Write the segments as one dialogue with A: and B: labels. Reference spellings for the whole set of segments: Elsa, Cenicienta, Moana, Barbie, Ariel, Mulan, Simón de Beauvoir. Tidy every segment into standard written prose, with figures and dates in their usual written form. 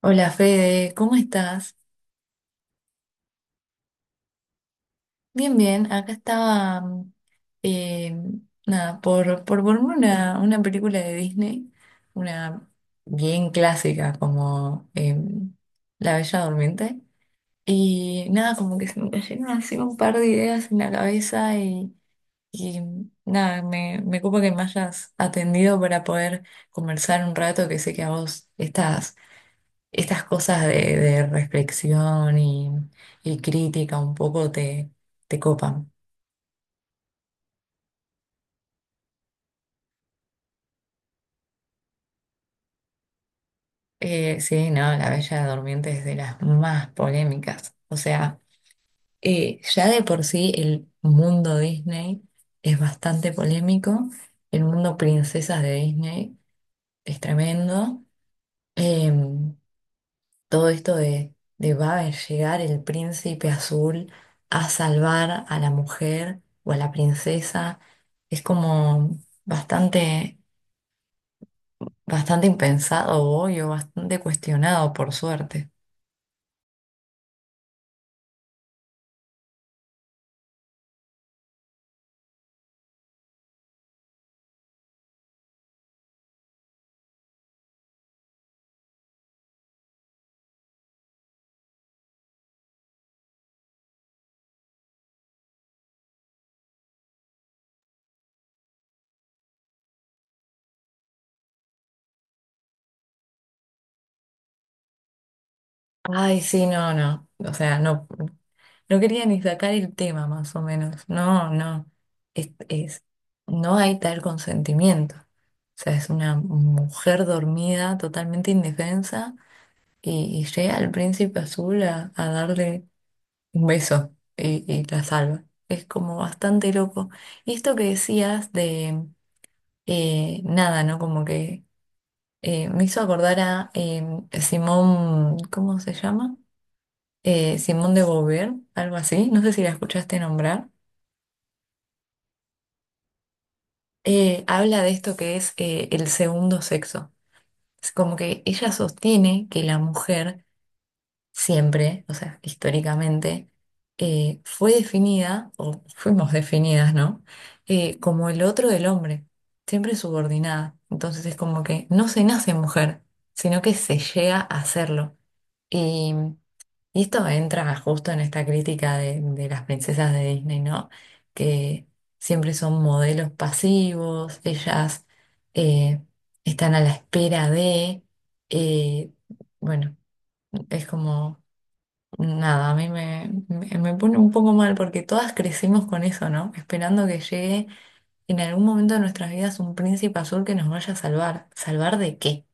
A: Hola Fede, ¿cómo estás? Bien, bien, acá estaba, eh, nada, por verme una película de Disney, una bien clásica como La Bella Durmiente, y nada, como que se me cayeron así un par de ideas en la cabeza y nada, me ocupa que me hayas atendido para poder conversar un rato que sé que a vos estás estas cosas de reflexión y crítica un poco te copan. Sí, no, La Bella Durmiente es de las más polémicas. O sea, ya de por sí el mundo Disney es bastante polémico. El mundo princesas de Disney es tremendo. Em, Todo esto de va a llegar el príncipe azul a salvar a la mujer o a la princesa, es como bastante, bastante impensado hoy o bastante cuestionado, por suerte. Ay, sí, no, no. O sea, no, no quería ni sacar el tema, más o menos. No, no. Es, es- no hay tal consentimiento. O sea, es una mujer dormida, totalmente indefensa y llega el príncipe azul a darle un beso y la salva. Es como bastante loco. Y esto que decías de nada, ¿no? Como que me hizo acordar a Simón, ¿cómo se llama? Simón de Beauvoir, algo así. No sé si la escuchaste nombrar. Habla de esto que es el segundo sexo. Es como que ella sostiene que la mujer siempre, o sea, históricamente, fue definida, o fuimos definidas, ¿no? Como el otro del hombre, siempre subordinada. Entonces es como que no se nace mujer, sino que se llega a hacerlo. Y, y esto entra justo en esta crítica de las princesas de Disney, ¿no? Que siempre son modelos pasivos, ellas eh, están a la espera eh, bueno, es como... nada, a mí me pone un poco mal porque todas crecimos con eso, ¿no? Esperando que llegue en algún momento de nuestras vidas un príncipe azul que nos vaya a salvar. ¿Salvar de qué?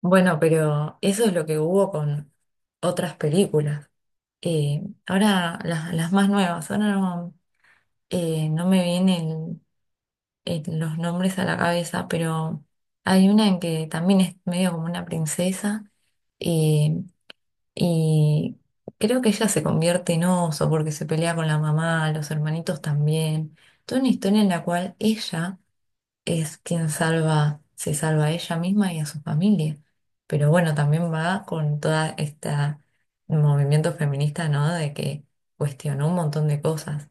A: Bueno, pero eso es lo que hubo con otras películas. Ahora, las más nuevas, ahora no, no me vienen los nombres a la cabeza, pero hay una en que también es medio como una princesa, eh, y creo que ella se convierte en oso porque se pelea con la mamá, los hermanitos también. Toda una historia en la cual ella es quien salva, se salva a ella misma y a su familia. Pero bueno, también va con toda esta movimiento feminista, ¿no? De que cuestionó un montón de cosas.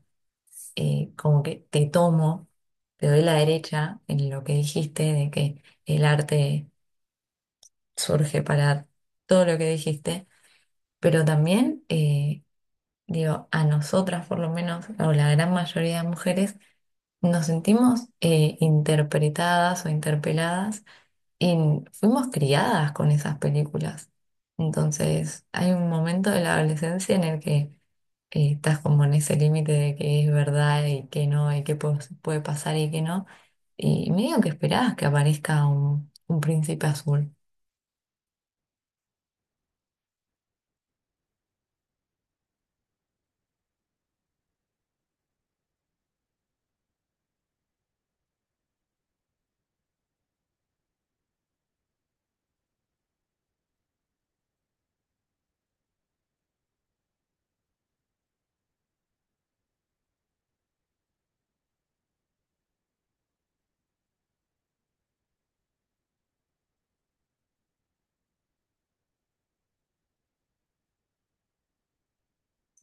A: Como que te tomo, te doy la derecha en lo que dijiste, de que el arte surge para todo lo que dijiste, pero también digo, a nosotras por lo menos, o la gran mayoría de mujeres, nos sentimos interpretadas o interpeladas y fuimos criadas con esas películas. Entonces, hay un momento de la adolescencia en el que estás como en ese límite de que es verdad y que no, y que puede pasar y que no. Y medio que esperabas que aparezca un príncipe azul.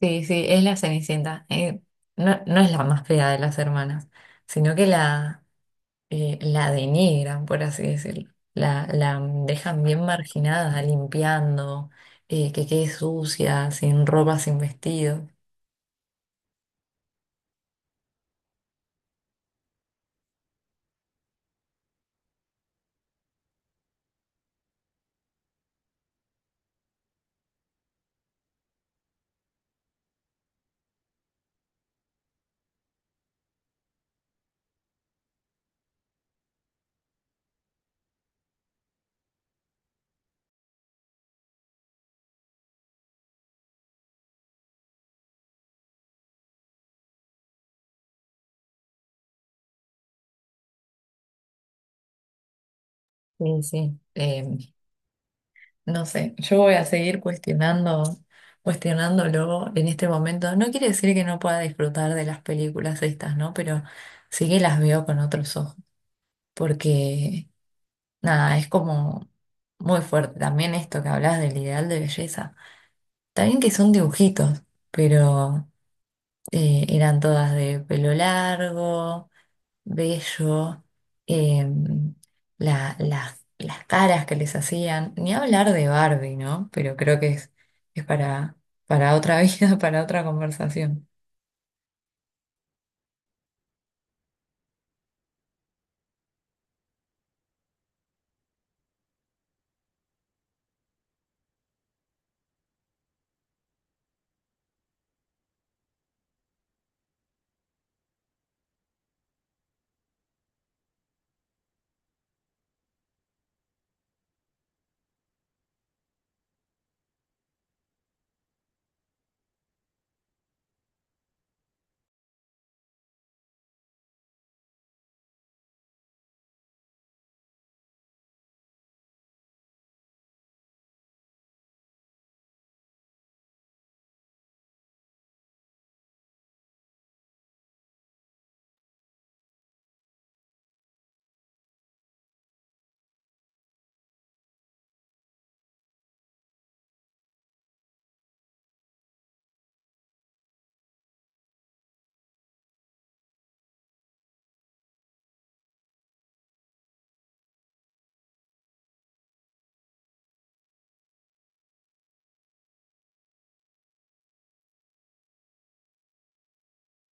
A: Sí, sí, es la Cenicienta. No, no es la más fea de las hermanas, sino que la denigran, por así decirlo. La dejan bien marginada, limpiando, que quede sucia, sin ropa, sin vestido. Sí, sí. No sé, yo voy a seguir cuestionando, cuestionándolo en este momento. No quiere decir que no pueda disfrutar de las películas estas, ¿no? Pero sí que las veo con otros ojos, porque nada, es como muy fuerte. También esto que hablas del ideal de belleza. También que son dibujitos, pero eran todas de pelo largo, bello, em, las caras que les hacían, ni hablar de Barbie, ¿no? Pero creo que es para otra vida, para otra conversación.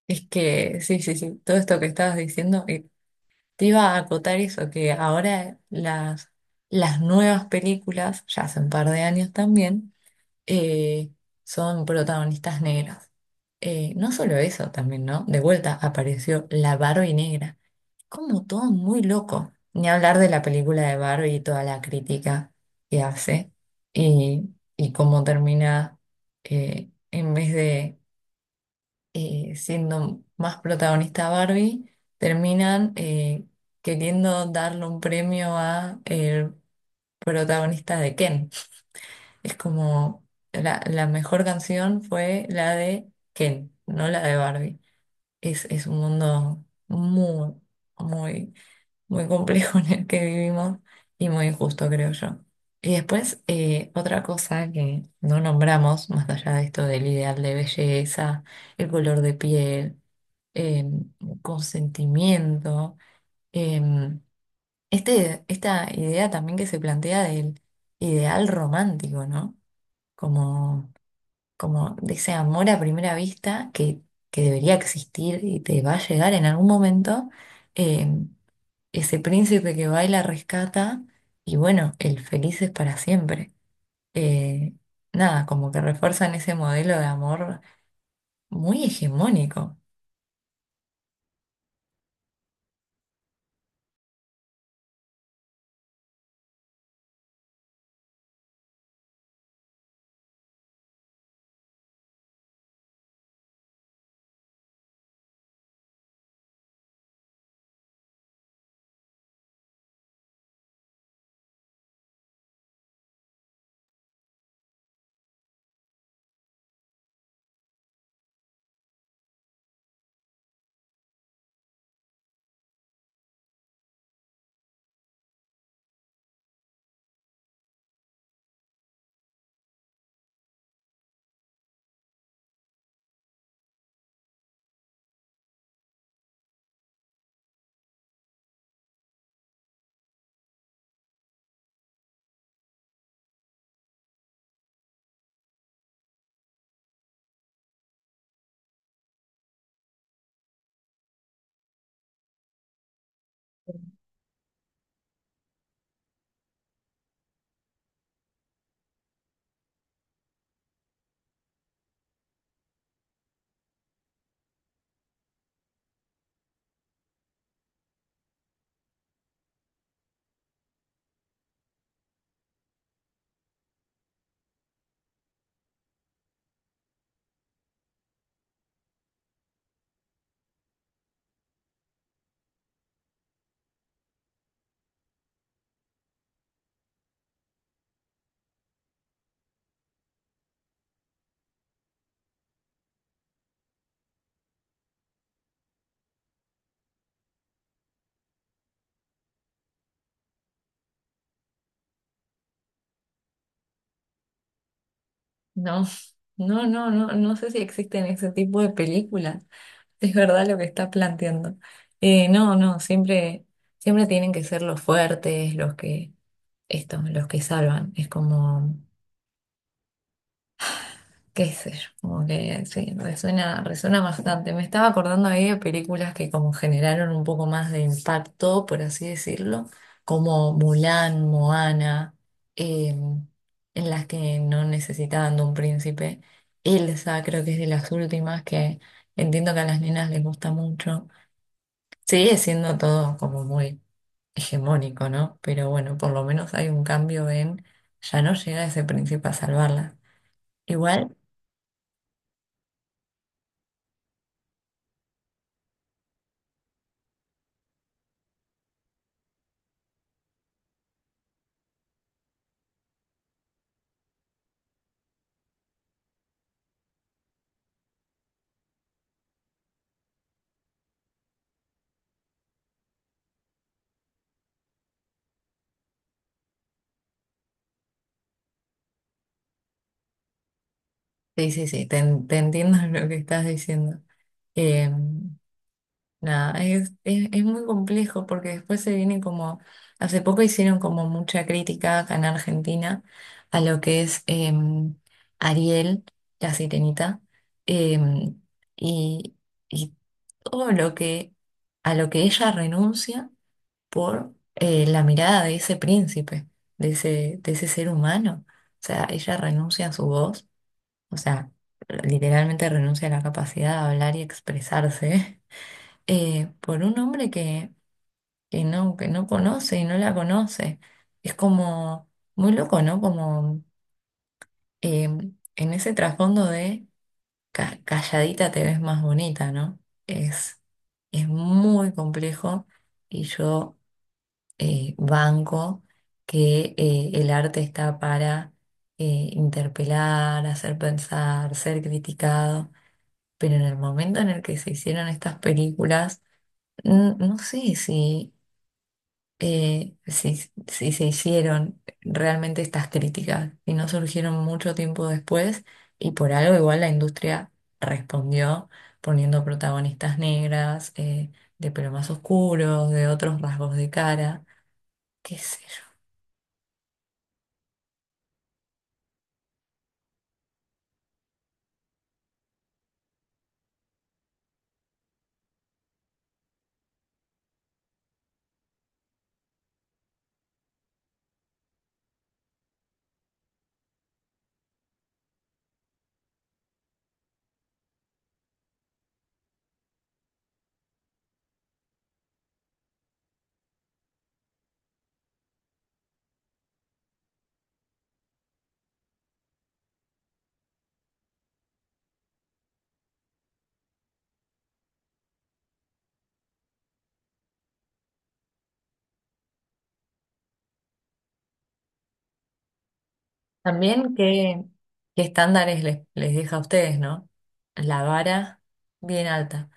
A: Es que, sí, sí, sí, todo esto que estabas diciendo, te iba a acotar eso, que ahora las nuevas películas, ya hace un par de años también, eh, son protagonistas negras. No solo eso también, ¿no? De vuelta apareció la Barbie negra. Como todo muy loco. Ni hablar de la película de Barbie y toda la crítica que hace y, y cómo termina en vez de siendo más protagonista Barbie, terminan queriendo darle un premio a el protagonista de Ken. Es como la mejor canción fue la de Ken, no la de Barbie. Es un mundo muy muy complejo en el que vivimos y muy injusto, creo yo. Y después, otra cosa que no nombramos, más allá de esto del ideal de belleza, el color de piel, em, consentimiento, em, esta idea también que se plantea del ideal romántico, ¿no? Como Como de ese amor a primera vista que debería existir y te va a llegar en algún momento, eh, ese príncipe que baila rescata y bueno, el feliz es para siempre. Eh, Nada, como que refuerzan ese modelo de amor muy hegemónico. No, no, no, no, no sé si existen ese tipo de películas. Es verdad lo que está planteando. No, no, siempre tienen que ser los fuertes, los que salvan. Es como qué sé yo, como que sí, resuena, resuena bastante. Me estaba acordando ahí de películas que como generaron un poco más de impacto, por así decirlo, como Mulan, Moana, eh, en las que no necesitaban de un príncipe. Elsa creo que es de las últimas que entiendo que a las nenas les gusta mucho. Sigue siendo todo como muy hegemónico, ¿no? Pero bueno, por lo menos hay un cambio en ya no llega ese príncipe a salvarla. Igual. Sí, sí, sí, te entiendo lo que estás diciendo. Eh, Nada, es muy complejo porque después se viene como, hace poco hicieron como mucha crítica acá en Argentina a lo que es Ariel, la sirenita, eh, y, y todo lo que, a lo que ella renuncia por la mirada de ese príncipe, de ese ser humano. O sea, ella renuncia a su voz, o sea, literalmente renuncia a la capacidad de hablar y expresarse, por un hombre que no conoce y no la conoce. Es como muy loco, ¿no? Como eh, en ese trasfondo de calladita te ves más bonita, ¿no? Es, es muy complejo y yo banco que el arte está para interpelar, hacer pensar, ser criticado pero en el momento en el que se hicieron estas películas, no sé si si se hicieron realmente estas críticas y no surgieron mucho tiempo después y por algo igual la industria respondió poniendo protagonistas negras, de pelo más oscuro, de otros rasgos de cara, qué sé yo. También qué estándares les deja a ustedes, ¿no? La vara bien alta.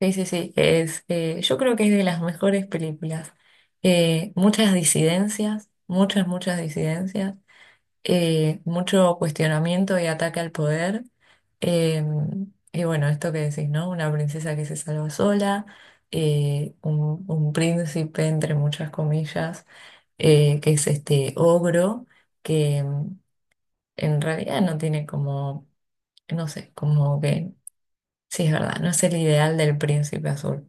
A: Sí, sí, sí, yo creo que es de las mejores películas. Muchas disidencias, muchas disidencias, mucho cuestionamiento y ataque al poder. Eh, y bueno, esto que decís, ¿no? Una princesa que se salva sola, un príncipe, entre muchas comillas, que es este ogro, que mm, en realidad no tiene como, no sé, como que, sí es verdad, no es el ideal del príncipe azul.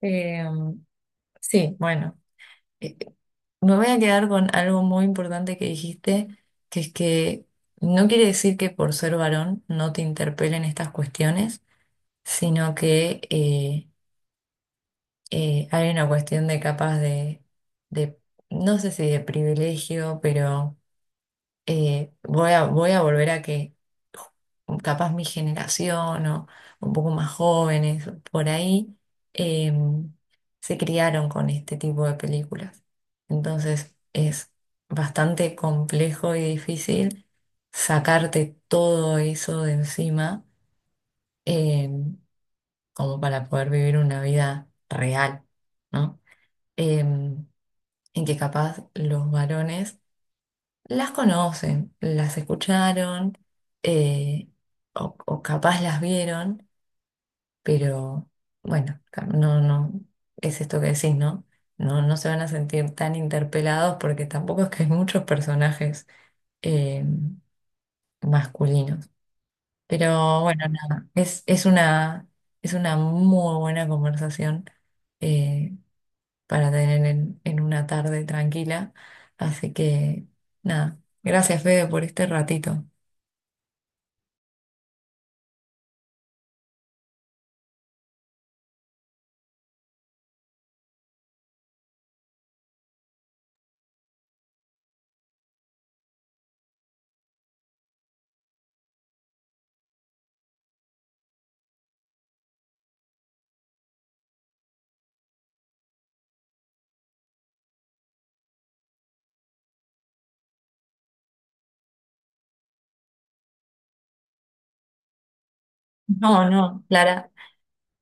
A: Eh, Sí, bueno, eh, eh, me voy a quedar con algo muy importante que dijiste, que es que no quiere decir que por ser varón no te interpelen estas cuestiones, sino que hay una cuestión de capaz de, no sé si de privilegio, pero voy a volver a que capaz mi generación o un poco más jóvenes por ahí em, se criaron con este tipo de películas. Entonces es bastante complejo y difícil sacarte todo eso de encima, em, como para poder vivir una vida real, ¿no? Em, en que capaz los varones las conocen, las escucharon, eh, o capaz las vieron, pero bueno, no, es esto que decís, ¿no? No, no se van a sentir tan interpelados porque tampoco es que hay muchos personajes eh, masculinos. Pero bueno, nada, es una muy buena conversación eh, para tener en una tarde tranquila. Así que nada, gracias Fede por este ratito. No, no,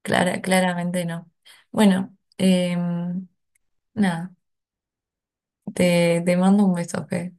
A: clara, claramente no. Bueno, em, nada, te mando un beso, Fe.